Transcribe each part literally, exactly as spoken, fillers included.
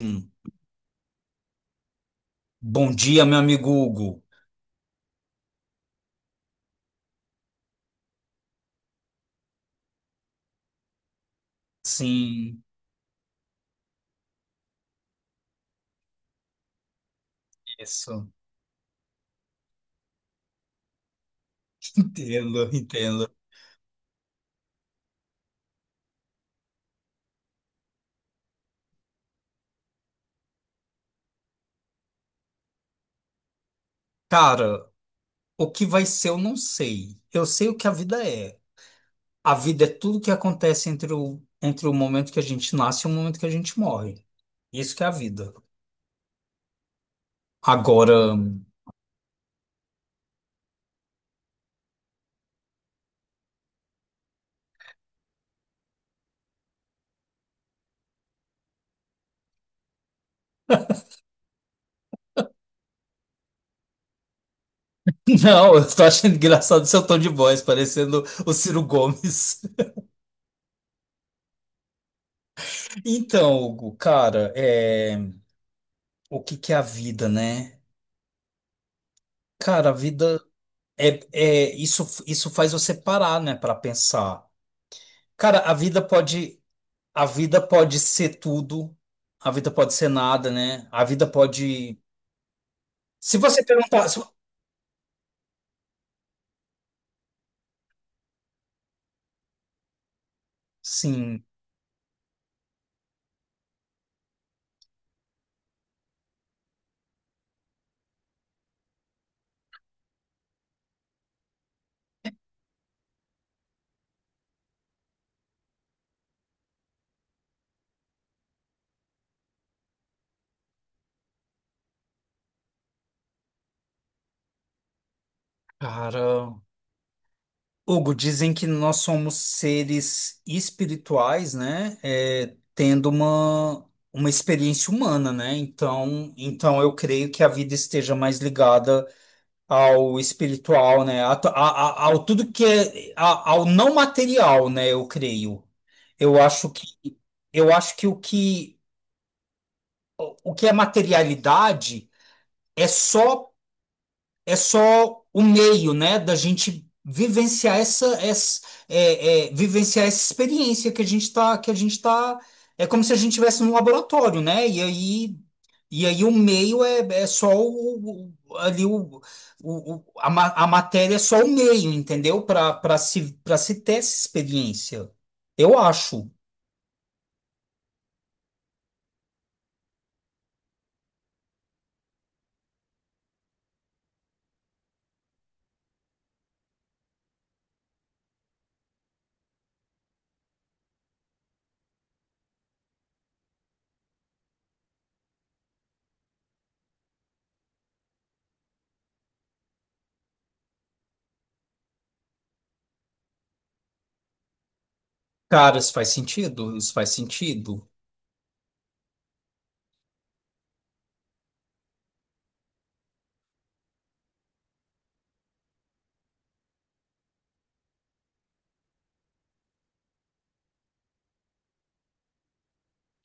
Hum. Bom dia, meu amigo Hugo. Sim, isso. Entendo, entendo. Cara, o que vai ser eu não sei. Eu sei o que a vida é. A vida é tudo que acontece entre o, entre o momento que a gente nasce e o momento que a gente morre. Isso que é a vida. Agora. Não, eu tô achando engraçado seu tom de voz, parecendo o Ciro Gomes. Então, Hugo, cara, é... o que que é a vida, né? Cara, a vida. É, é, isso, isso faz você parar, né, para pensar. Cara, a vida pode, a vida pode ser tudo, a vida pode ser nada, né? A vida pode. Se você perguntar, se- sim, cara. Hugo, dizem que nós somos seres espirituais, né? É, tendo uma, uma experiência humana, né? Então, então eu creio que a vida esteja mais ligada ao espiritual, né? A, to- a- a- ao tudo que é a- ao não material, né? Eu creio. Eu acho que eu acho que o que o que é materialidade é só é só o meio, né, da gente vivenciar essa, essa é, é, vivenciar essa experiência que a gente tá, que a gente tá, é como se a gente estivesse num laboratório, né? E aí, e aí o meio é, é só o, o- ali o, o, o- a, ma- a matéria é só o meio, entendeu? Para para se para se ter essa experiência. Eu acho. Cara, isso faz sentido? Isso faz sentido?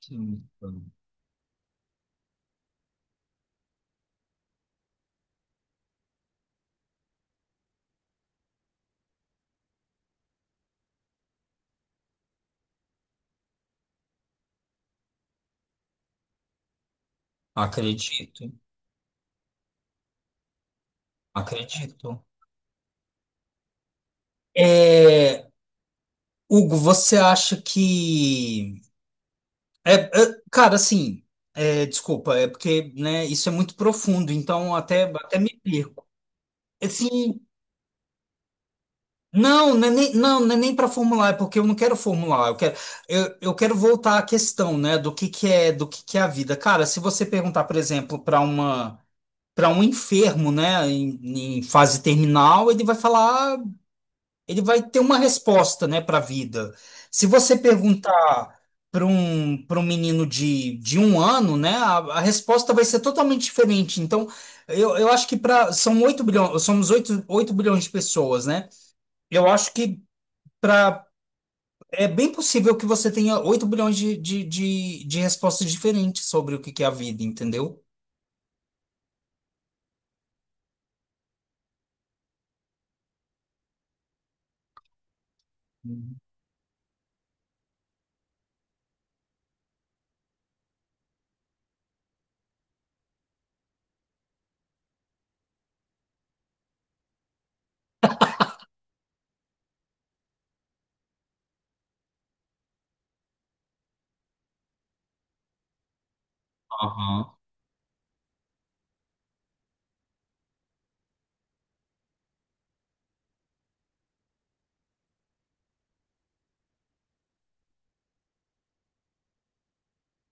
Hum. Acredito, acredito. É, Hugo, você acha que. É, é, cara, assim, é, desculpa, é porque, né, isso é muito profundo, então até, até me perco. Assim, não, não é nem, não, não é nem para formular, é porque eu não quero formular, eu quero, eu, eu quero voltar à questão, né, do que que é, do que que é a vida. Cara, se você perguntar, por exemplo, para uma, para um enfermo, né, em, em fase terminal, ele vai falar. Ele vai ter uma resposta, né, para a vida. Se você perguntar para um, para um menino de, de um ano, né, a, a resposta vai ser totalmente diferente. Então, eu, eu acho que para são oito bilhões, somos oito oito bilhões de pessoas, né? Eu acho que para é bem possível que você tenha oito bilhões de, de, de, de respostas diferentes sobre o que que é a vida, entendeu?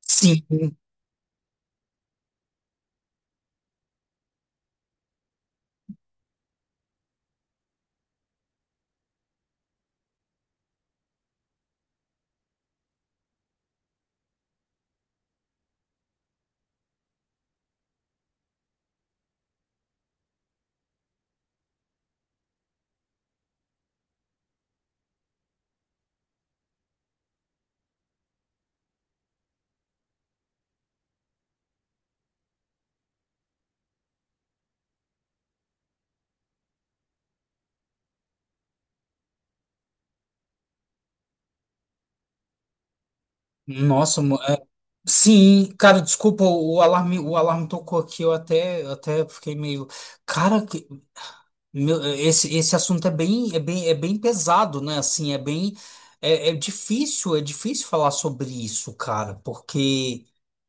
Sim. Nossa, mo- Sim, cara, desculpa, o alarme, o alarme tocou aqui, eu até, eu até fiquei meio, cara, que- meu, esse, esse assunto é bem, é bem, é bem pesado, né? Assim, é bem, é, é difícil, é difícil falar sobre isso, cara, porque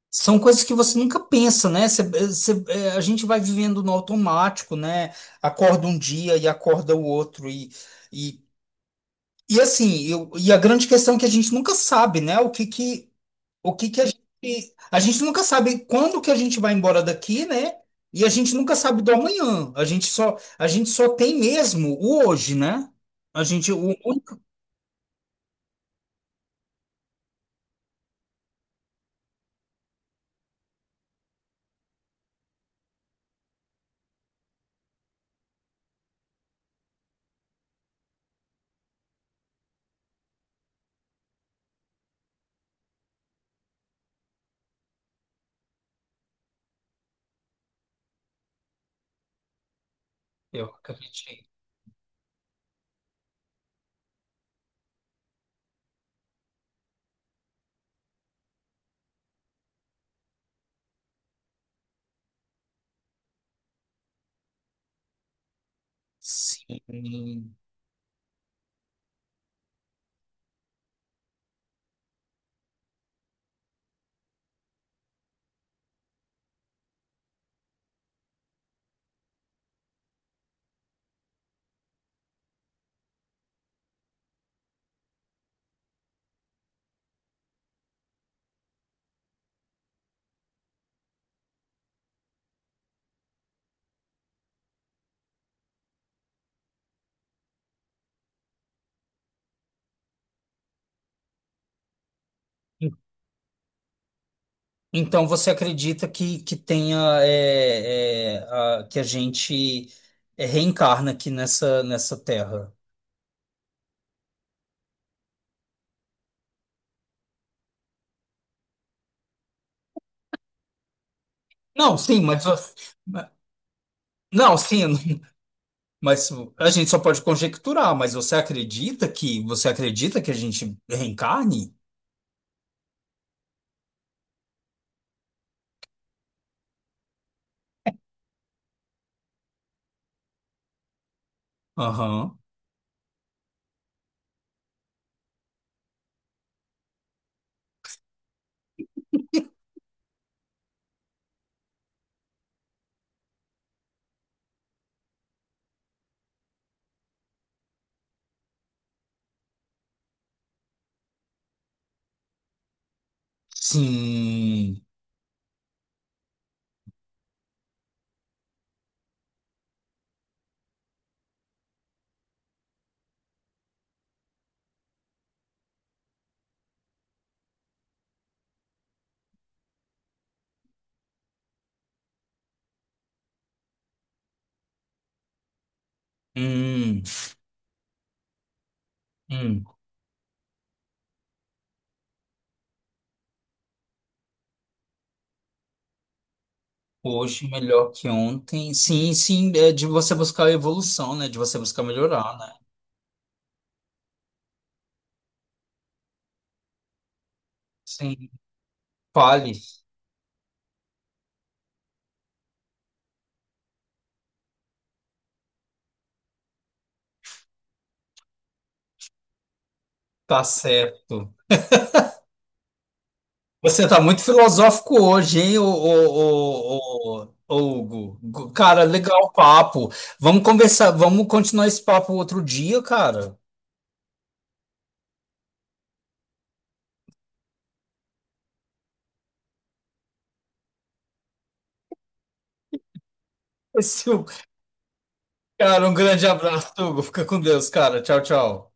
são coisas que você nunca pensa, né? Você- você- é, a gente vai vivendo no automático, né? Acorda um dia e acorda o outro e, e, e assim, eu, e a grande questão é que a gente nunca sabe, né? O que que o que que a gente, a gente nunca sabe quando que a gente vai embora daqui, né? E a gente nunca sabe do amanhã. A gente só, a gente só tem mesmo o hoje, né? A gente, o único. Eu acreditei. Sim. Então você acredita que, que tenha é, é, a- que a gente é, reencarna aqui nessa, nessa terra? Não, sim, mas não, sim, mas a gente só pode conjecturar, mas você acredita que você acredita que a gente reencarne? Aham. Sim. Hum. Hum. Hoje melhor que ontem. Sim, sim, é de você buscar a evolução, né? De você buscar melhorar, né? Sim. Fale, tá certo. Você tá muito filosófico hoje, hein, ô, ô, ô, ô, ô, Hugo? Gu- Cara, legal o papo. Vamos conversar, vamos continuar esse papo outro dia, cara. Esse Cara, um grande abraço, Hugo. Fica com Deus, cara. Tchau, tchau.